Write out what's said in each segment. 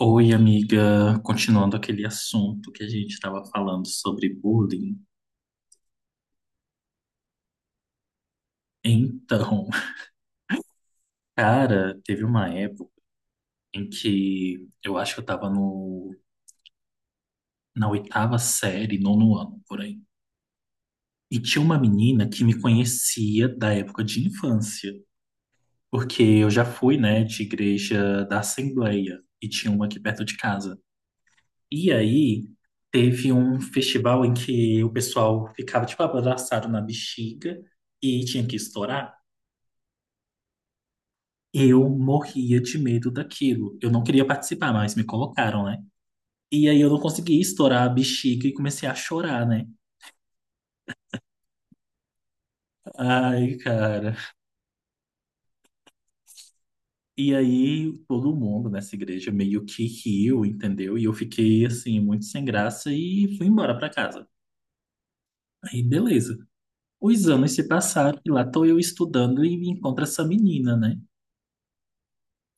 Oi, amiga. Continuando aquele assunto que a gente estava falando sobre bullying. Então, cara, teve uma época em que eu acho que eu estava no, na oitava série, nono ano, por aí. E tinha uma menina que me conhecia da época de infância, porque eu já fui, né, de igreja da Assembleia, e tinha uma aqui perto de casa. E aí, teve um festival em que o pessoal ficava, tipo, abraçado na bexiga e tinha que estourar. Eu morria de medo daquilo. Eu não queria participar, mas me colocaram, né? E aí eu não consegui estourar a bexiga e comecei a chorar, né? Ai, cara. E aí todo mundo nessa igreja meio que riu, entendeu? E eu fiquei assim, muito sem graça e fui embora pra casa. Aí, beleza. Os anos se passaram e lá tô eu estudando e me encontro essa menina, né?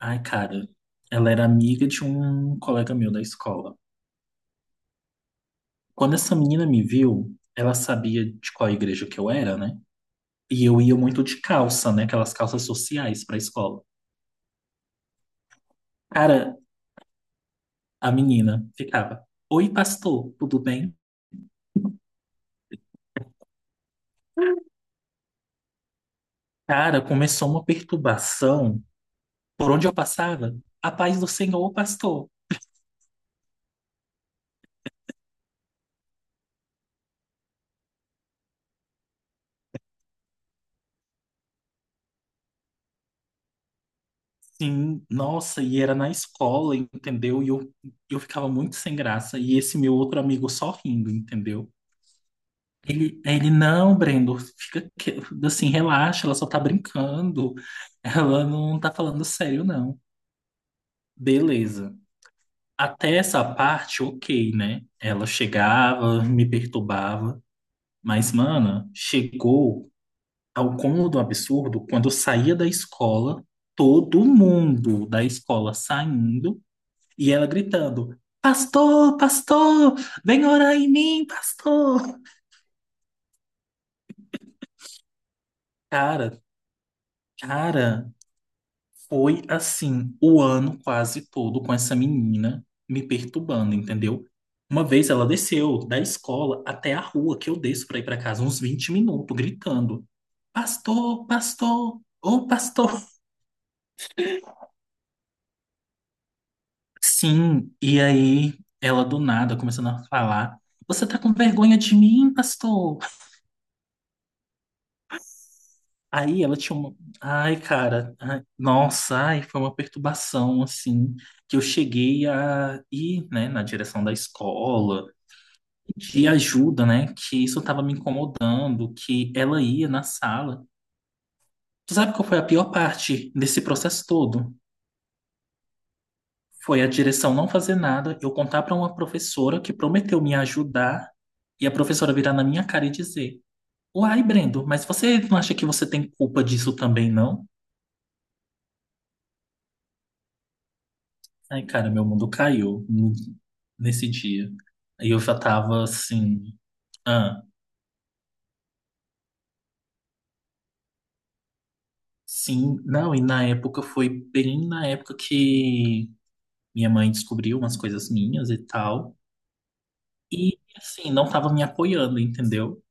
Ai, cara. Ela era amiga de um colega meu da escola. Quando essa menina me viu, ela sabia de qual igreja que eu era, né? E eu ia muito de calça, né? Aquelas calças sociais pra escola. Cara, a menina ficava: Oi, pastor, tudo bem? Cara, começou uma perturbação por onde eu passava. A paz do Senhor, pastor. Sim, nossa, e era na escola, entendeu? E eu ficava muito sem graça. E esse meu outro amigo só rindo, entendeu? Ele, não, Brendo, fica assim, relaxa, ela só tá brincando. Ela não tá falando sério, não. Beleza. Até essa parte, ok, né? Ela chegava, me perturbava. Mas, mana, chegou ao cômodo absurdo quando eu saía da escola, todo mundo da escola saindo e ela gritando: Pastor, pastor, vem orar em mim, pastor. Cara, cara, Foi assim, o ano quase todo com essa menina me perturbando, entendeu? Uma vez ela desceu da escola até a rua que eu desço para ir para casa, uns 20 minutos, gritando: Pastor, pastor, ô pastor. Sim, e aí ela do nada começando a falar: Você tá com vergonha de mim, pastor? Aí ela tinha uma. Ai, cara, ai, nossa, ai, foi uma perturbação assim, que eu cheguei a ir, né, na direção da escola de ajuda, né? Que isso estava me incomodando, que ela ia na sala. Tu sabe qual foi a pior parte desse processo todo? Foi a direção não fazer nada, eu contar para uma professora que prometeu me ajudar e a professora virar na minha cara e dizer: Uai, Brendo, mas você não acha que você tem culpa disso também, não? Ai, cara, meu mundo caiu nesse dia. E eu já tava assim, ah, sim, não, e na época foi bem na época que minha mãe descobriu umas coisas minhas e tal. E, assim, não tava me apoiando, entendeu?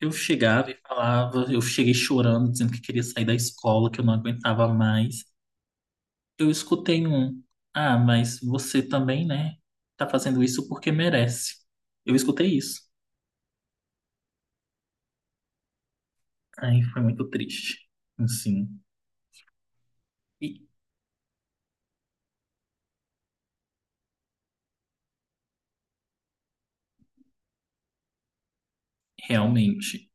Eu chegava e falava, eu cheguei chorando, dizendo que queria sair da escola, que eu não aguentava mais. Eu escutei um, ah, mas você também, né? Tá fazendo isso porque merece. Eu escutei isso. Aí foi muito triste. Assim, e realmente.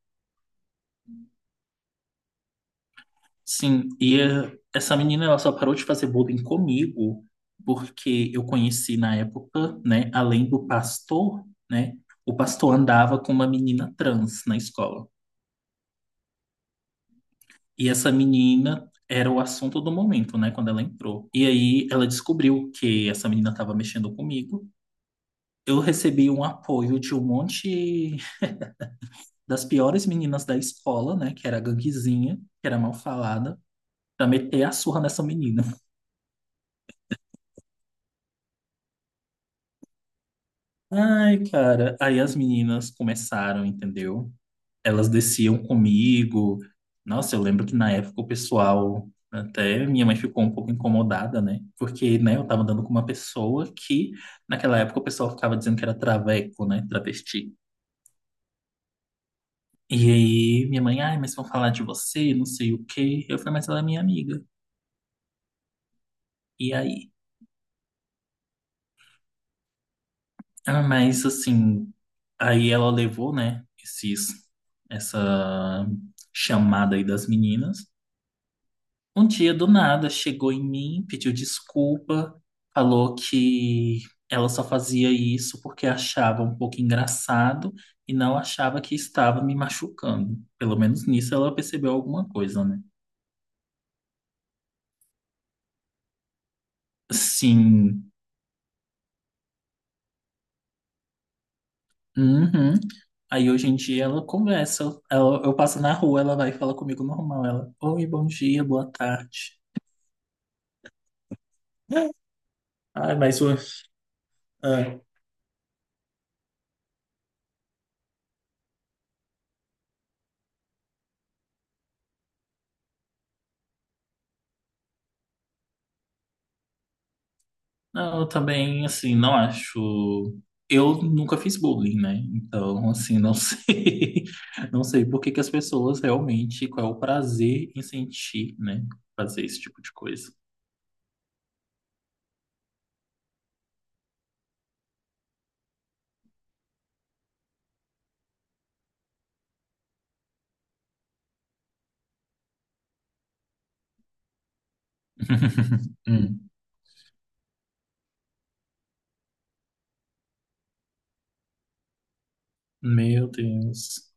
Sim, e eh, essa menina ela só parou de fazer bullying comigo porque eu conheci na época, né, além do pastor, né, o pastor andava com uma menina trans na escola. E essa menina era o assunto do momento, né, quando ela entrou. E aí ela descobriu que essa menina estava mexendo comigo. Eu recebi um apoio de um monte das piores meninas da escola, né, que era a ganguezinha, que era mal falada, pra meter a surra nessa menina. Ai, cara. Aí as meninas começaram, entendeu? Elas desciam comigo. Nossa, eu lembro que na época o pessoal, até minha mãe ficou um pouco incomodada, né? Porque, né, eu tava andando com uma pessoa que, naquela época, o pessoal ficava dizendo que era traveco, né? Travesti. E aí minha mãe, ai, mas vão falar de você, não sei o quê. Eu falei, mas ela é minha amiga. E aí? Ah, mas assim, aí ela levou, né, essa chamada aí das meninas. Um dia do nada chegou em mim, pediu desculpa, falou que ela só fazia isso porque achava um pouco engraçado e não achava que estava me machucando. Pelo menos nisso ela percebeu alguma coisa, né? Sim. Uhum. Aí hoje em dia ela conversa, ela- eu passo na rua, ela vai e fala comigo normal. Ela, oi, bom dia, boa tarde. Ai, mas o. É. Não, eu também, assim, não acho. Eu nunca fiz bullying, né? Então, assim, não sei. Não sei por que que as pessoas realmente. Qual é o prazer em sentir, né? Fazer esse tipo de coisa. Hum. Meu Deus.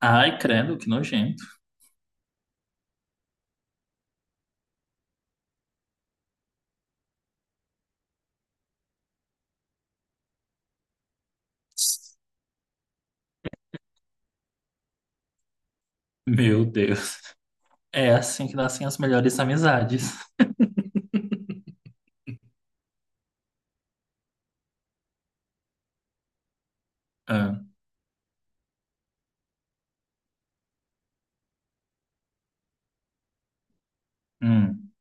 Ai, credo, que nojento. Meu Deus. É assim que nascem as melhores amizades. Ah, hum.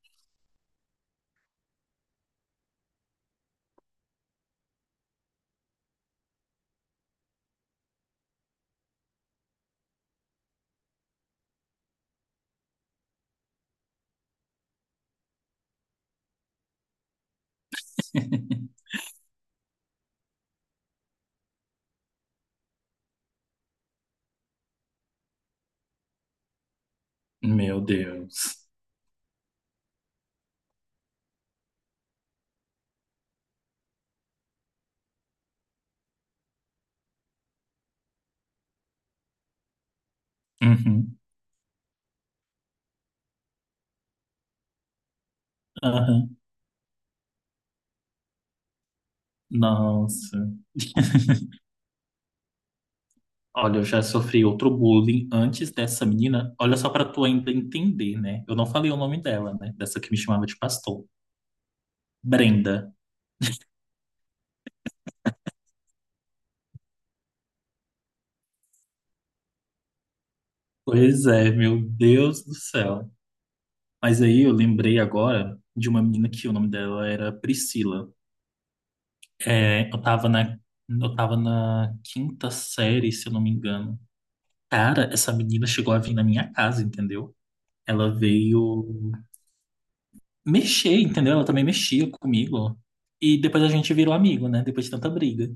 Meu Deus. Uhum. Aham. Nossa. Olha, eu já sofri outro bullying antes dessa menina. Olha só pra tu ainda entender, né? Eu não falei o nome dela, né? Dessa que me chamava de pastor. Brenda. Pois é, meu Deus do céu. Mas aí eu lembrei agora de uma menina que o nome dela era Priscila. É, eu tava eu tava na quinta série, se eu não me engano. Cara, essa menina chegou a vir na minha casa, entendeu? Ela veio mexer, entendeu? Ela também mexia comigo. E depois a gente virou amigo, né? Depois de tanta briga.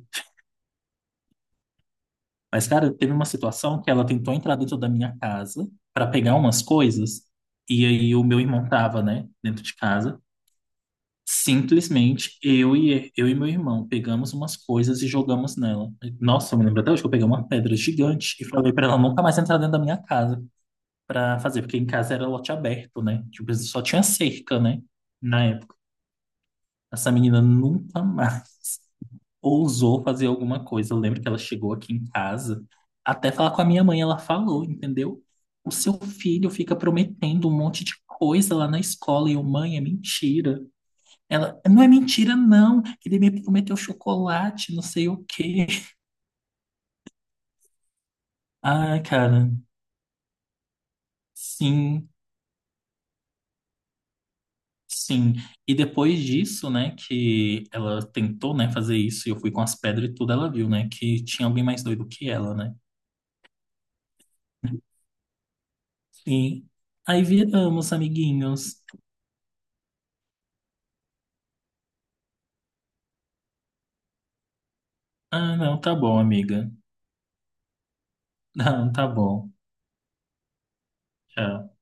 Mas, cara, teve uma situação que ela tentou entrar dentro da minha casa para pegar umas coisas, e aí o meu irmão tava, né, dentro de casa. Simplesmente eu e meu irmão pegamos umas coisas e jogamos nela. Nossa, eu me lembro até hoje que eu peguei uma pedra gigante e falei para ela nunca mais entrar dentro da minha casa para fazer, porque em casa era lote aberto, né? Tipo, só tinha cerca, né? Na época. Essa menina nunca mais ousou fazer alguma coisa. Eu lembro que ela chegou aqui em casa, até falar com a minha mãe, ela falou, entendeu? O seu filho fica prometendo um monte de coisa lá na escola e eu, mãe, é mentira. Ela, não é mentira, não, que ele me prometeu chocolate, não sei o quê. Ai, cara, sim, sim. E depois disso, né, que ela tentou, né, fazer isso, e eu fui com as pedras e tudo, ela viu, né, que tinha alguém mais doido que ela, né? Sim. Aí viramos amiguinhos. Ah, não, tá bom, amiga. Não, tá bom. Tchau.